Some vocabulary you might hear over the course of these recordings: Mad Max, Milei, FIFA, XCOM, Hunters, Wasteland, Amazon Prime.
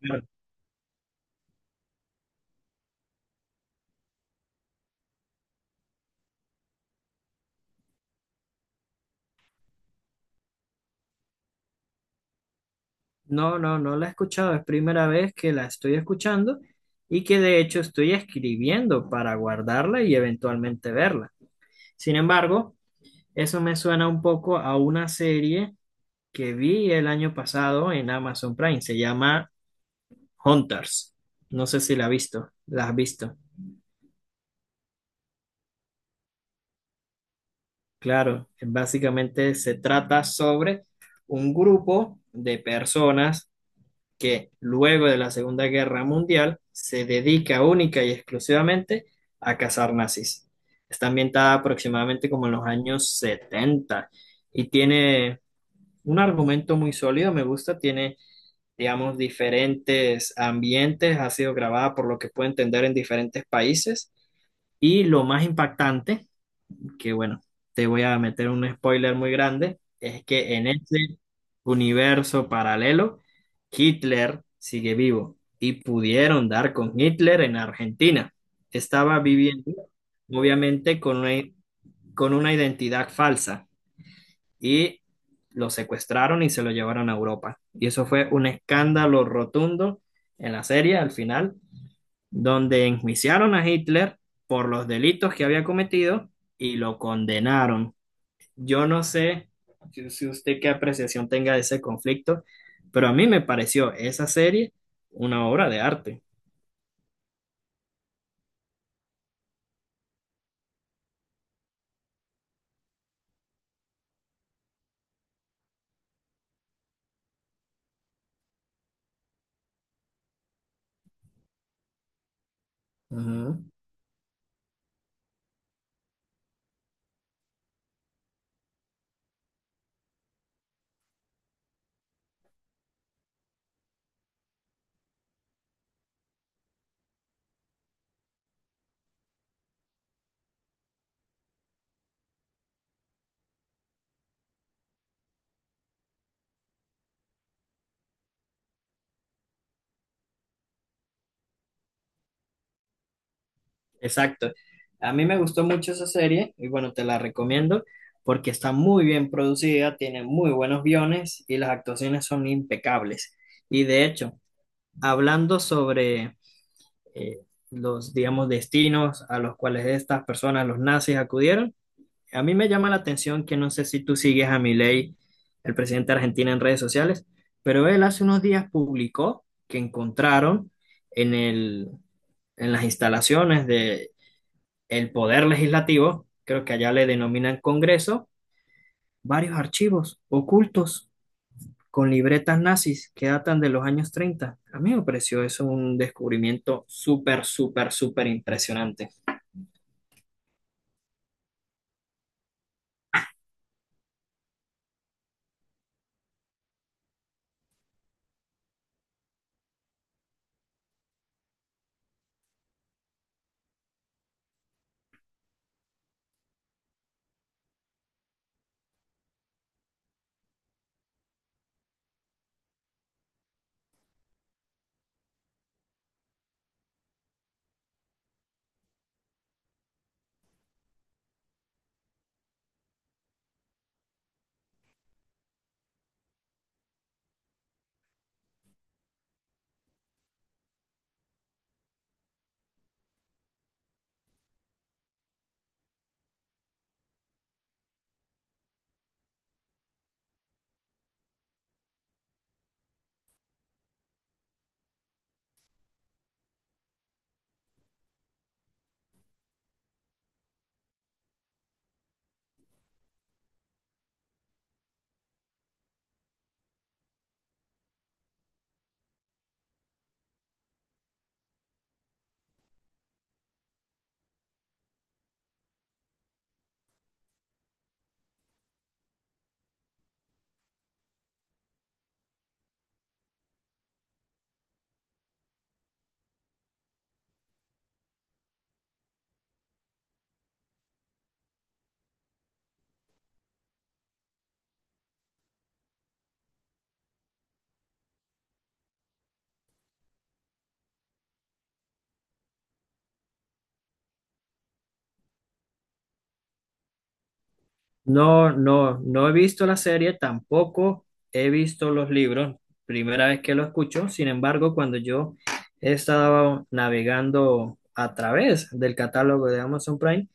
Claro. No, no la he escuchado, es primera vez que la estoy escuchando y que de hecho estoy escribiendo para guardarla y eventualmente verla. Sin embargo, eso me suena un poco a una serie que vi el año pasado en Amazon Prime, se llama Hunters. No sé si la has visto, la has visto. Claro, básicamente se trata sobre un grupo de personas que luego de la Segunda Guerra Mundial se dedica única y exclusivamente a cazar nazis. Está ambientada aproximadamente como en los años 70 y tiene un argumento muy sólido, me gusta, tiene, digamos, diferentes ambientes, ha sido grabada por lo que puedo entender en diferentes países, y lo más impactante, que bueno, te voy a meter un spoiler muy grande, es que en ese universo paralelo, Hitler sigue vivo y pudieron dar con Hitler en Argentina. Estaba viviendo, obviamente, con una identidad falsa y lo secuestraron y se lo llevaron a Europa. Y eso fue un escándalo rotundo en la serie al final, donde enjuiciaron a Hitler por los delitos que había cometido y lo condenaron. Yo no sé si usted qué apreciación tenga de ese conflicto, pero a mí me pareció esa serie una obra de arte. Ujú. Exacto. A mí me gustó mucho esa serie y bueno, te la recomiendo porque está muy bien producida, tiene muy buenos guiones y las actuaciones son impecables. Y de hecho, hablando sobre eh, los, digamos, destinos a los cuales estas personas, los nazis, acudieron, a mí me llama la atención, que no sé si tú sigues a Milei, el presidente de Argentina, en redes sociales, pero él hace unos días publicó que encontraron en el, en las instalaciones del Poder Legislativo, creo que allá le denominan Congreso, varios archivos ocultos con libretas nazis que datan de los años 30. A mí me pareció eso un descubrimiento súper, súper, súper impresionante. No, no he visto la serie, tampoco he visto los libros, primera vez que lo escucho. Sin embargo, cuando yo estaba navegando a través del catálogo de Amazon Prime,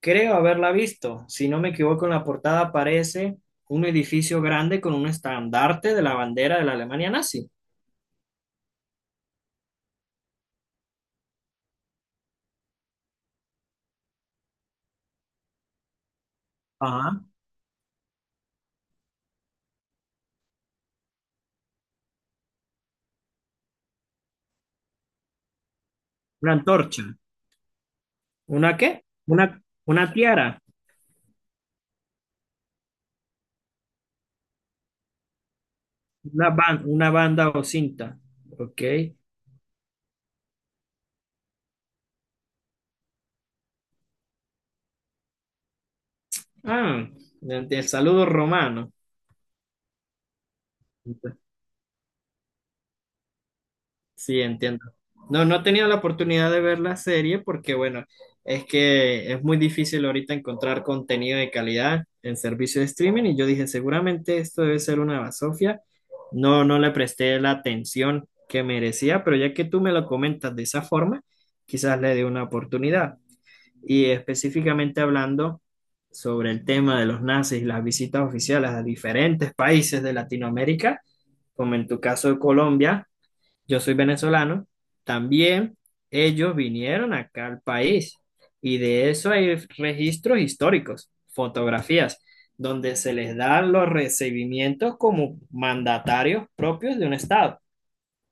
creo haberla visto. Si no me equivoco, en la portada aparece un edificio grande con un estandarte de la bandera de la Alemania nazi. Ajá. Una antorcha. ¿Una qué? Una tiara, una, una banda o cinta. Ok. Ah, el saludo romano. Sí, entiendo. No, he tenido la oportunidad de ver la serie porque, bueno, es que es muy difícil ahorita encontrar contenido de calidad en servicio de streaming, y yo dije, seguramente esto debe ser una basofia. No, no le presté la atención que merecía, pero ya que tú me lo comentas de esa forma, quizás le dé una oportunidad. Y específicamente hablando sobre el tema de los nazis y las visitas oficiales a diferentes países de Latinoamérica, como en tu caso de Colombia. Yo soy venezolano, también ellos vinieron acá al país, y de eso hay registros históricos, fotografías, donde se les dan los recibimientos como mandatarios propios de un estado.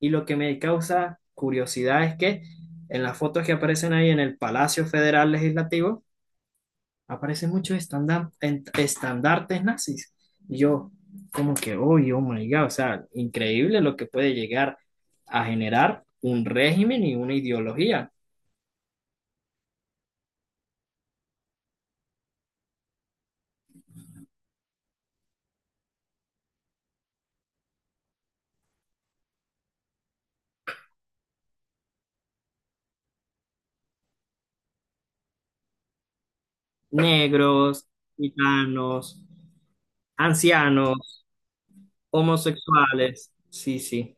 Y lo que me causa curiosidad es que en las fotos que aparecen ahí en el Palacio Federal Legislativo, aparecen muchos estandartes nazis. Y yo, como que, oye, oh my God, o sea, increíble lo que puede llegar a generar un régimen y una ideología. Negros, gitanos, ancianos, homosexuales. Sí, sí.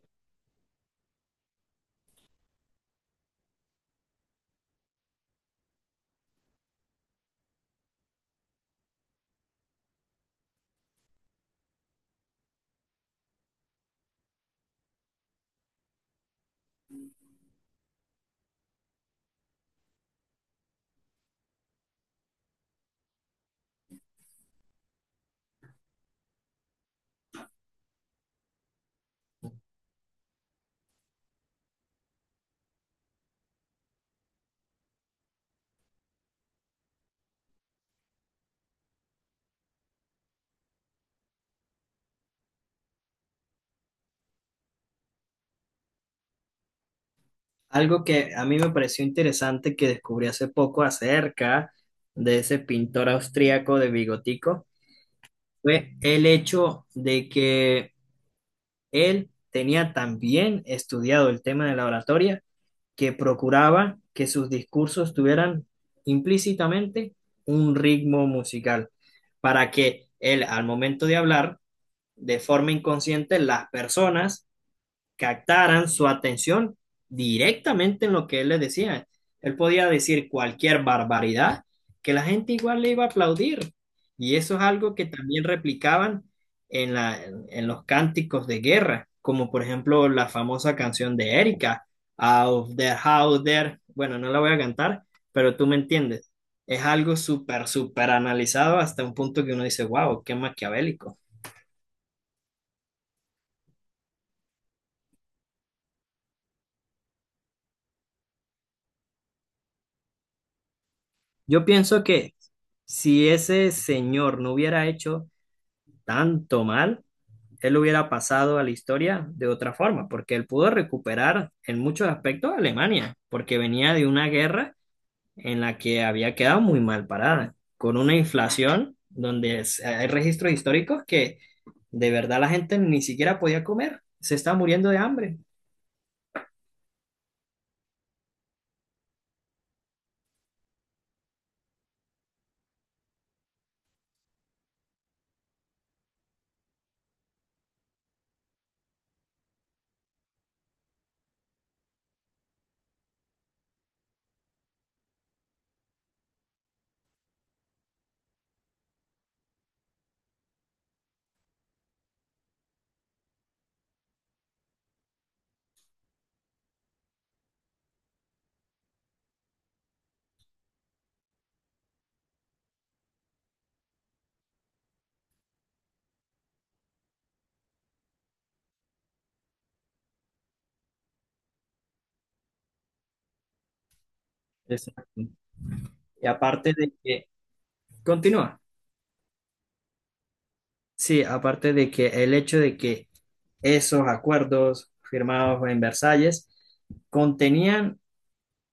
Algo que a mí me pareció interesante, que descubrí hace poco acerca de ese pintor austríaco de bigotico, fue el hecho de que él tenía también estudiado el tema de la oratoria, que procuraba que sus discursos tuvieran implícitamente un ritmo musical para que él, al momento de hablar, de forma inconsciente, las personas captaran su atención directamente en lo que él les decía. Él podía decir cualquier barbaridad que la gente igual le iba a aplaudir. Y eso es algo que también replicaban en la, en los cánticos de guerra, como por ejemplo la famosa canción de Erika, Out there, out there. Bueno, no la voy a cantar, pero tú me entiendes. Es algo súper, súper analizado hasta un punto que uno dice, wow, qué maquiavélico. Yo pienso que si ese señor no hubiera hecho tanto mal, él hubiera pasado a la historia de otra forma, porque él pudo recuperar en muchos aspectos a Alemania, porque venía de una guerra en la que había quedado muy mal parada, con una inflación, donde hay registros históricos que de verdad la gente ni siquiera podía comer, se está muriendo de hambre. Exacto. Y aparte de que, continúa, sí, aparte de que el hecho de que esos acuerdos firmados en Versalles contenían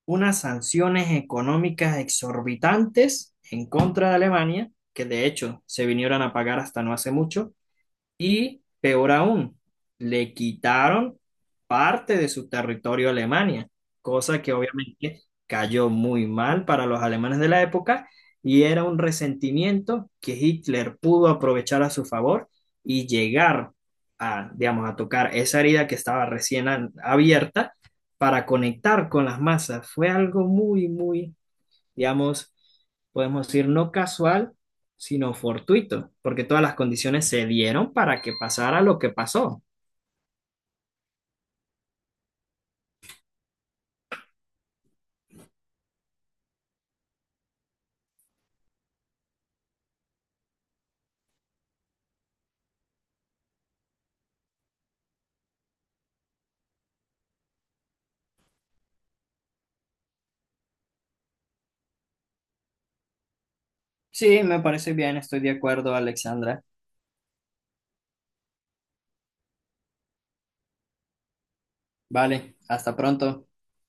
unas sanciones económicas exorbitantes en contra de Alemania, que de hecho se vinieron a pagar hasta no hace mucho, y peor aún, le quitaron parte de su territorio a Alemania, cosa que obviamente cayó muy mal para los alemanes de la época, y era un resentimiento que Hitler pudo aprovechar a su favor y llegar a, digamos, a tocar esa herida que estaba recién abierta para conectar con las masas. Fue algo muy, muy, digamos, podemos decir, no casual, sino fortuito, porque todas las condiciones se dieron para que pasara lo que pasó. Sí, me parece bien, estoy de acuerdo, Alexandra. Vale, hasta pronto.